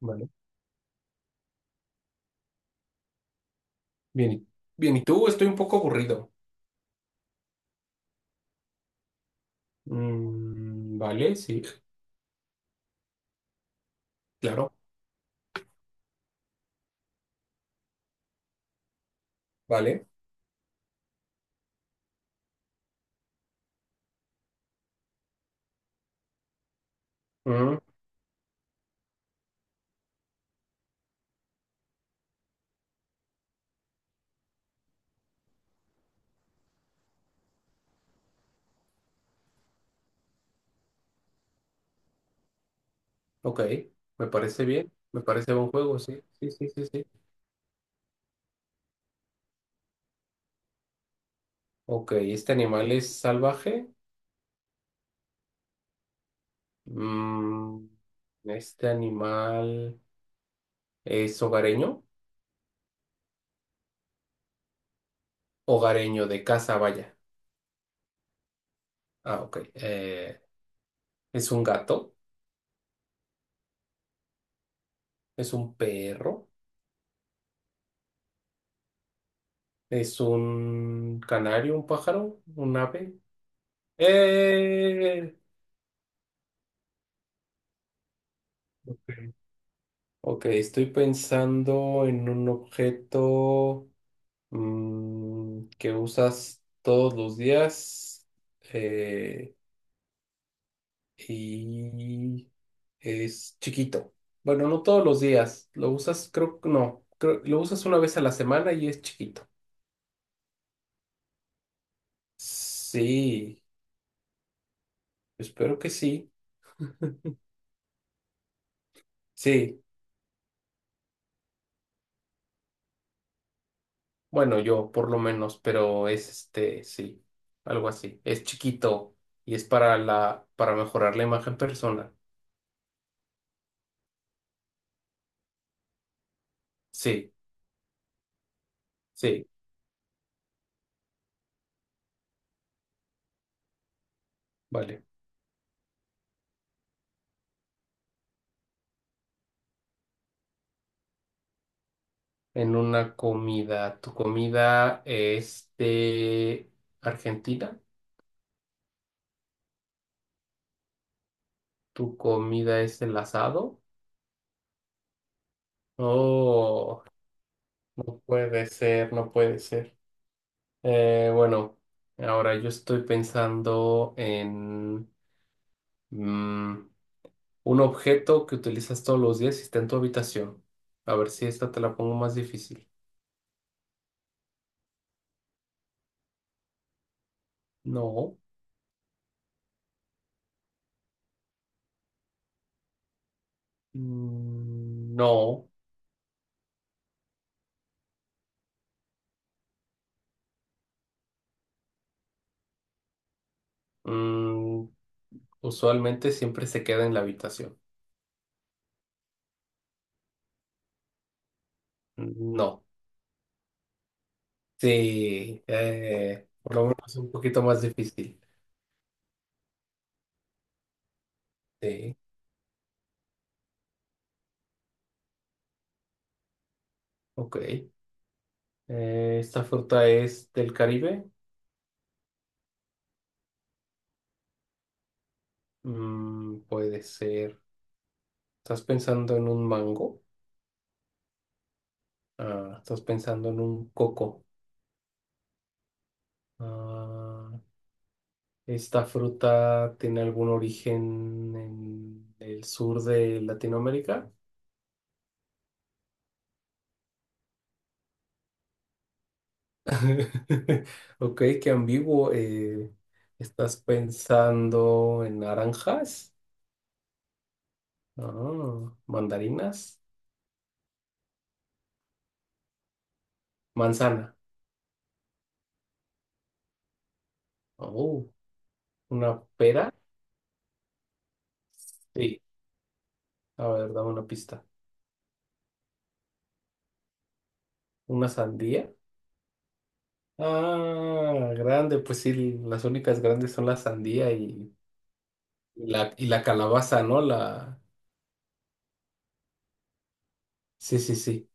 Vale. Bien. Bien, ¿y tú? Estoy un poco aburrido. Vale, sí, claro. Vale. Mm, ok, me parece bien. Me parece buen juego, sí. Sí, sí, sí, sí. Ok, ¿este animal es salvaje? Mm, ¿este animal es hogareño? Hogareño de casa, vaya. Ah, ok. ¿Es un gato? ¿Es un perro? ¿Es un canario, un pájaro, un ave? ¡Eh! Ok, estoy pensando en un objeto que usas todos los días eh, y es chiquito. Bueno, no todos los días, lo usas, creo que no, lo usas una vez a la semana y es chiquito. Sí, espero que sí. Sí, bueno, yo por lo menos, pero es este, sí, algo así. Es chiquito y es para la, para mejorar la imagen personal. Sí. Sí, vale. En una comida. ¿Tu comida es de Argentina? ¿Tu comida es el asado? Oh, no puede ser, no puede ser. Bueno, ahora yo estoy pensando en mm, un objeto que utilizas todos los días y está en tu habitación. A ver si esta te la pongo más difícil. No, no. Mm, usualmente siempre se queda en la habitación. No. Sí, es un poquito más difícil. Sí, ok. ¿Esta fruta es del Caribe? Mm, puede ser. ¿Estás pensando en un mango? Ah, ¿estás pensando en un coco? Ah, ¿esta fruta tiene algún origen en el sur de Latinoamérica? Ok, qué ambiguo. ¿Estás pensando en naranjas? Oh, mandarinas, manzana. Oh, una pera. Sí, a ver, dame una pista. Una sandía. Ah, grande, pues sí, las únicas grandes son la sandía y la calabaza, ¿no? La... Sí, sí, sí.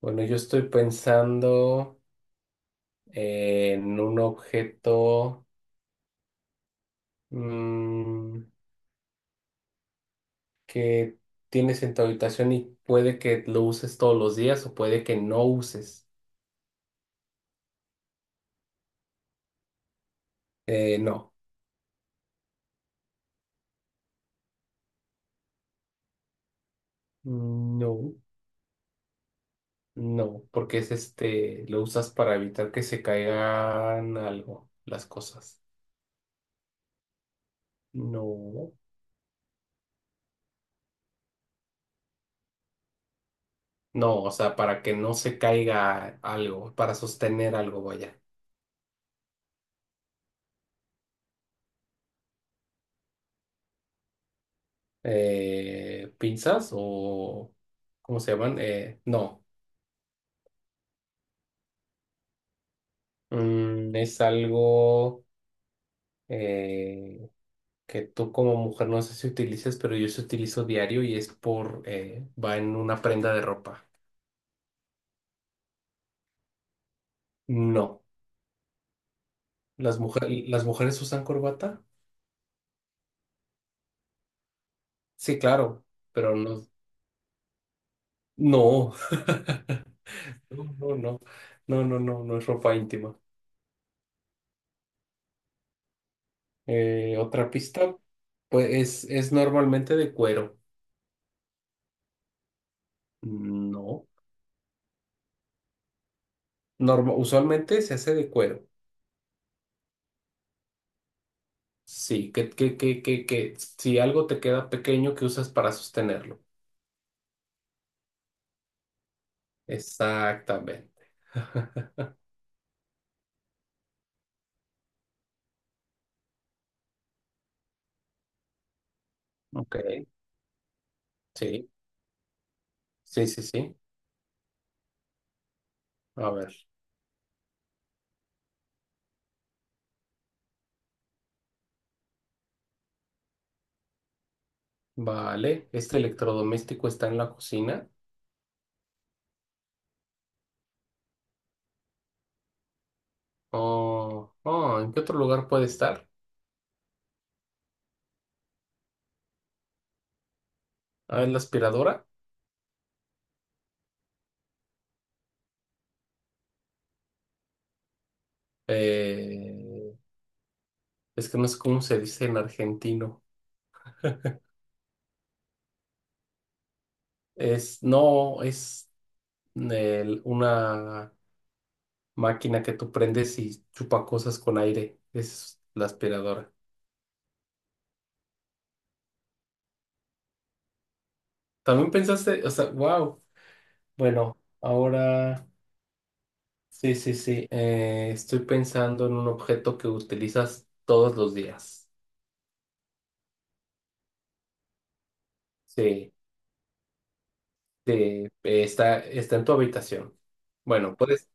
Bueno, yo estoy pensando en un objeto mm, que tienes en tu habitación y puede que lo uses todos los días o puede que no uses. No. No. No, porque es este, lo usas para evitar que se caigan algo, las cosas. No, no, o sea, para que no se caiga algo, para sostener algo, vaya. ¿Pinzas o cómo se llaman? No. Mm, es algo eh, que tú como mujer no sé si utilizas, pero yo se utilizo diario y es por, va en una prenda de ropa. No, las mujeres usan corbata. Sí, claro, pero no, no, no, no, no, no es ropa íntima. Otra pista, pues es normalmente de cuero. No, usualmente se hace de cuero. Sí, que si algo te queda pequeño, que usas para sostenerlo? Exactamente. Ok, sí, sí, sí, sí. A ver, vale, este electrodoméstico está en la cocina. Oh, oh, ¿en qué otro lugar puede estar? Ah, en la aspiradora. Eh, es que no sé cómo se dice en argentino. Es, no, es una máquina que tú prendes y chupa cosas con aire. Es la aspiradora. También pensaste, o sea, wow. Bueno, ahora sí, sí, sí. Estoy pensando en un objeto que utilizas todos los días. Sí. Sí, está, está en tu habitación. Bueno, puedes-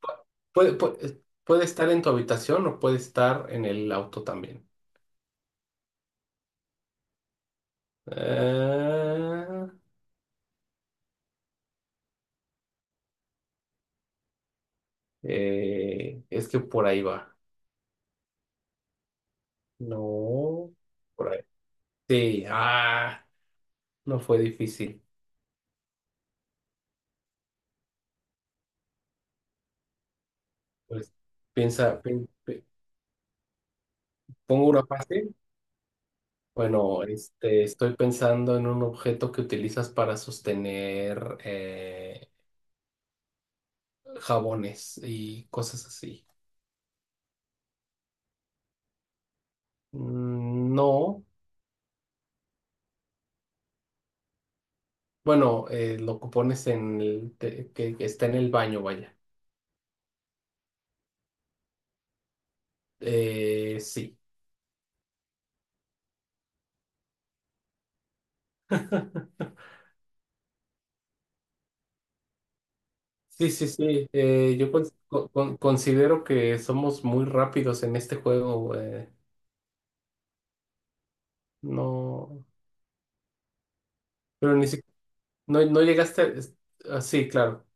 puede, puede, puede estar en tu habitación o puede estar en el auto también. Ah, es que por ahí va. No, por ahí. Sí, ah, no fue difícil. Pues piensa, pongo una fácil. Bueno, este, estoy pensando en un objeto que utilizas para sostener jabones y cosas así. Mm, no, bueno, lo que pones en que está en el baño, vaya. Sí, sí, sí, sí. Yo considero que somos muy rápidos en este juego. No, pero ni siquiera, no, no llegaste. Ah, sí, claro.